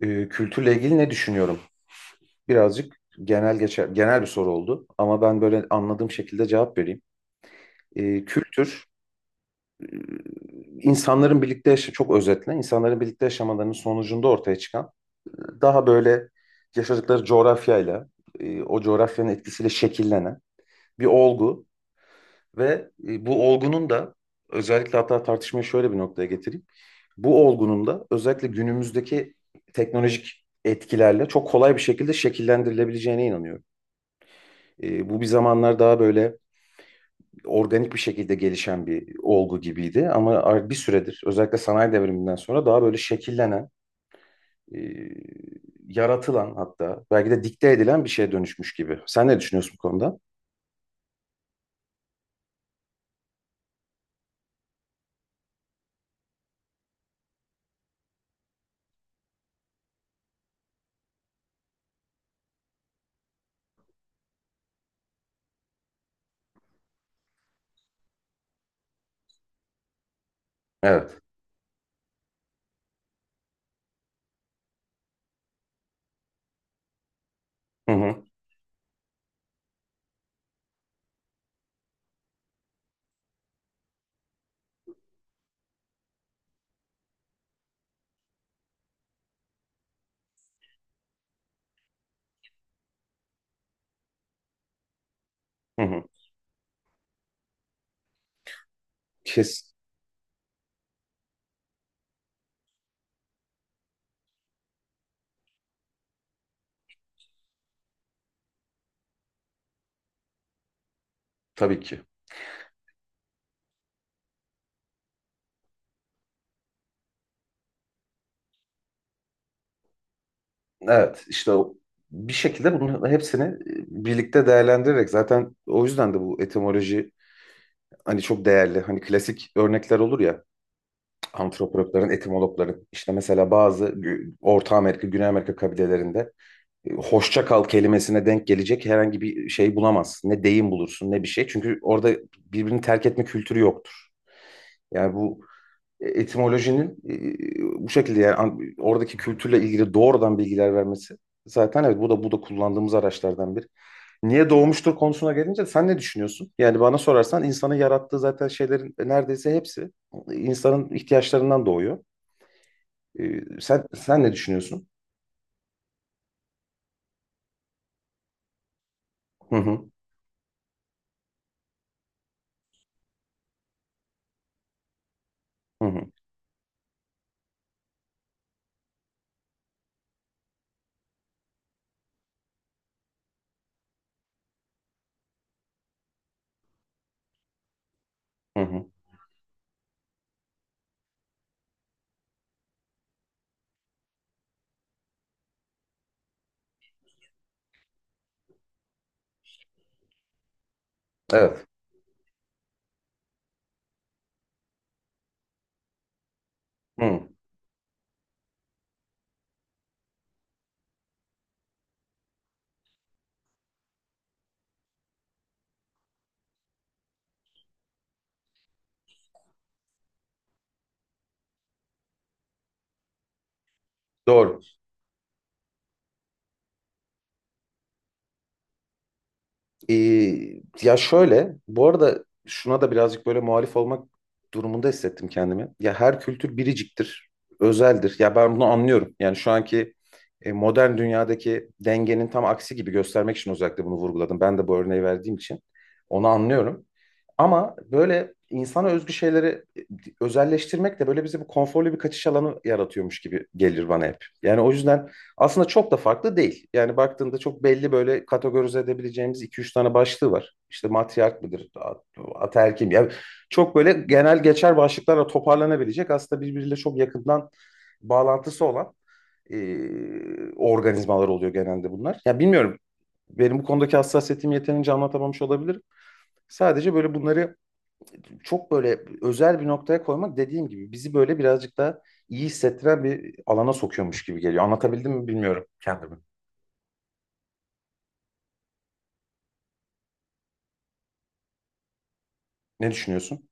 Kültürle ilgili ne düşünüyorum? Birazcık genel geçer, genel bir soru oldu ama ben böyle anladığım şekilde cevap vereyim. Kültür, insanların birlikte yaşa çok özetle, insanların birlikte yaşamalarının sonucunda ortaya çıkan e, daha böyle yaşadıkları coğrafyayla, o coğrafyanın etkisiyle şekillenen bir olgu ve bu olgunun da özellikle hatta tartışmayı şöyle bir noktaya getireyim. Bu olgunun da özellikle günümüzdeki teknolojik etkilerle çok kolay bir şekilde şekillendirilebileceğine inanıyorum. Bu bir zamanlar daha böyle organik bir şekilde gelişen bir olgu gibiydi ama bir süredir özellikle sanayi devriminden sonra daha böyle şekillenen, e, yaratılan hatta belki de dikte edilen bir şeye dönüşmüş gibi. Sen ne düşünüyorsun bu konuda? Evet. Hı hı. Hı hı. Kes tabii ki. Evet, işte bir şekilde bunun hepsini birlikte değerlendirerek zaten o yüzden de bu etimoloji hani çok değerli. Hani klasik örnekler olur ya antropologların, etimologların. İşte mesela bazı Orta Amerika, Güney Amerika kabilelerinde hoşça kal kelimesine denk gelecek herhangi bir şey bulamazsın. Ne deyim bulursun ne bir şey. Çünkü orada birbirini terk etme kültürü yoktur. Yani bu etimolojinin bu şekilde yani oradaki kültürle ilgili doğrudan bilgiler vermesi zaten evet bu da kullandığımız araçlardan biri. Niye doğmuştur konusuna gelince sen ne düşünüyorsun? Yani bana sorarsan insanın yarattığı zaten şeylerin neredeyse hepsi insanın ihtiyaçlarından doğuyor. Sen ne düşünüyorsun? Hı hı hı hı. Hı hı. Evet. Hı. Doğru. Ee, Ya şöyle, bu arada şuna da birazcık böyle muhalif olmak durumunda hissettim kendimi. Ya her kültür biriciktir, özeldir. Ya ben bunu anlıyorum. Yani şu anki modern dünyadaki dengenin tam aksi gibi göstermek için özellikle bunu vurguladım. Ben de bu örneği verdiğim için onu anlıyorum. Ama böyle insana özgü şeyleri özelleştirmek de böyle bize bu konforlu bir kaçış alanı yaratıyormuş gibi gelir bana hep. Yani o yüzden aslında çok da farklı değil. Yani baktığında çok belli böyle kategorize edebileceğimiz iki üç tane başlığı var. İşte matriark mıdır, ataerkil mi? Yani çok böyle genel geçer başlıklarla toparlanabilecek aslında birbiriyle çok yakından bağlantısı olan e, organizmalar oluyor genelde bunlar. Ya bilmiyorum benim bu konudaki hassasiyetim yeterince anlatamamış olabilirim. Sadece böyle bunları çok böyle özel bir noktaya koymak dediğim gibi bizi böyle birazcık daha iyi hissettiren bir alana sokuyormuş gibi geliyor. Anlatabildim mi bilmiyorum kendimi. Ne düşünüyorsun?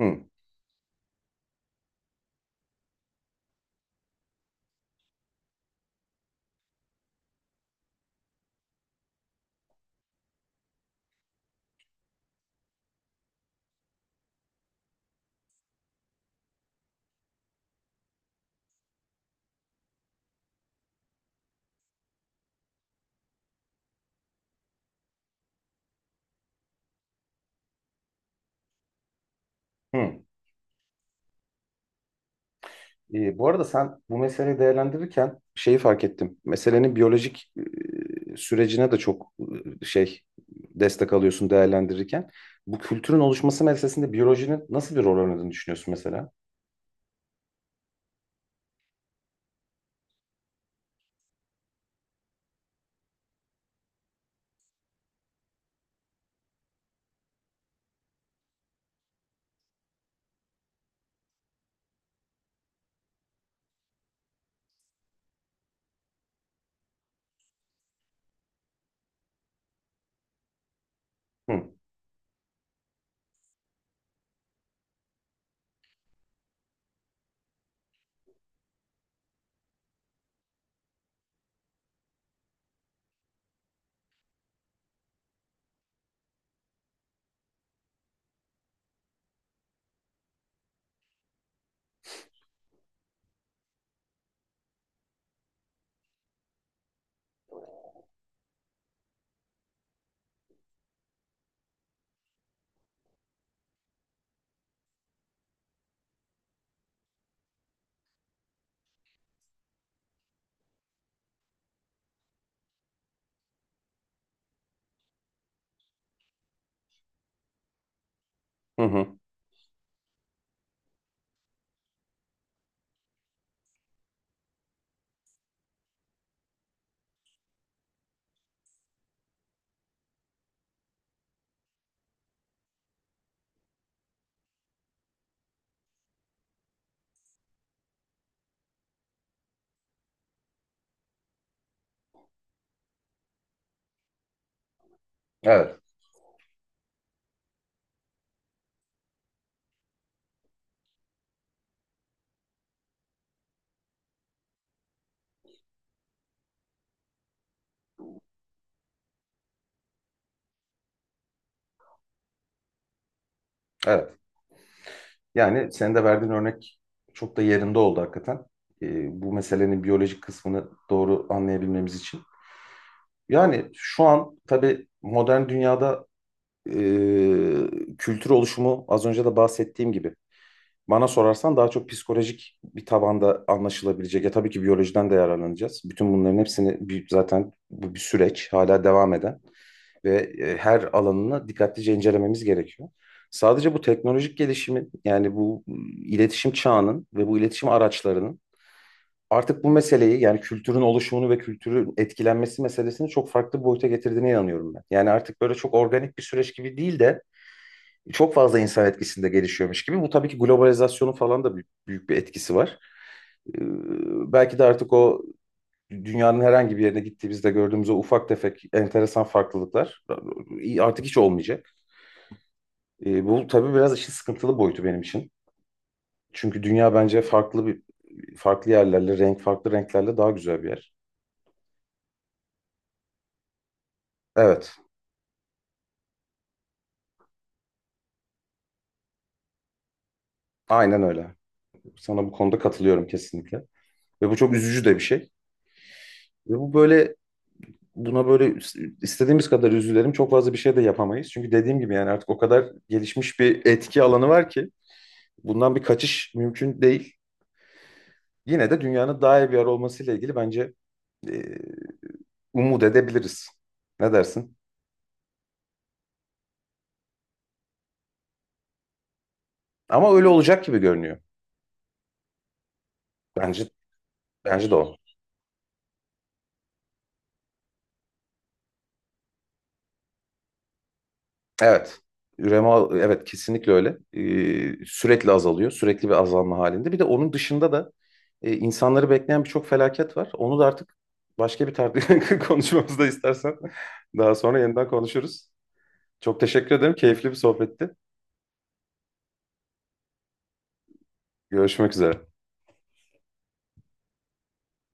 Hı, hı. Bu arada sen bu meseleyi değerlendirirken şeyi fark ettim. Meselenin biyolojik sürecine de çok e, şey destek alıyorsun değerlendirirken. Bu kültürün oluşması meselesinde biyolojinin nasıl bir rol oynadığını düşünüyorsun mesela? Hı, hı, hı. Evet, evet. Yani senin de verdiğin örnek çok da yerinde oldu hakikaten. Bu meselenin biyolojik kısmını doğru anlayabilmemiz için. Yani şu an tabii modern dünyada kültür oluşumu az önce de bahsettiğim gibi. Bana sorarsan daha çok psikolojik bir tabanda anlaşılabilecek. Ya tabii ki biyolojiden de yararlanacağız. Bütün bunların hepsini bir, zaten bu bir süreç hala devam eden ve her alanını dikkatlice incelememiz gerekiyor. Sadece bu teknolojik gelişimin yani bu iletişim çağının ve bu iletişim araçlarının artık bu meseleyi yani kültürün oluşumunu ve kültürün etkilenmesi meselesini çok farklı bir boyuta getirdiğine inanıyorum ben. Yani artık böyle çok organik bir süreç gibi değil de çok fazla insan etkisinde gelişiyormuş gibi. Bu tabii ki globalizasyonun falan da büyük, büyük bir etkisi var. Belki de artık o dünyanın herhangi bir yerine gittiğimizde gördüğümüz o ufak tefek enteresan farklılıklar artık hiç olmayacak. Bu tabii biraz işin sıkıntılı boyutu benim için. Çünkü dünya bence farklı yerlerle, farklı renklerle daha güzel bir yer. Evet, aynen öyle. Sana bu konuda katılıyorum kesinlikle. Ve bu çok üzücü de bir şey. Ve bu böyle buna böyle istediğimiz kadar üzülelim çok fazla bir şey de yapamayız. Çünkü dediğim gibi yani artık o kadar gelişmiş bir etki alanı var ki bundan bir kaçış mümkün değil. Yine de dünyanın daha iyi bir yer olmasıyla ilgili bence e, umut edebiliriz. Ne dersin? Ama öyle olacak gibi görünüyor. Bence Bence de o. Evet. Üreme evet kesinlikle öyle. Sürekli azalıyor. Sürekli bir azalma halinde. Bir de onun dışında da insanları bekleyen birçok felaket var. Onu da artık konuşmamızda istersen daha sonra yeniden konuşuruz. Çok teşekkür ederim. Keyifli bir sohbetti. Görüşmek üzere.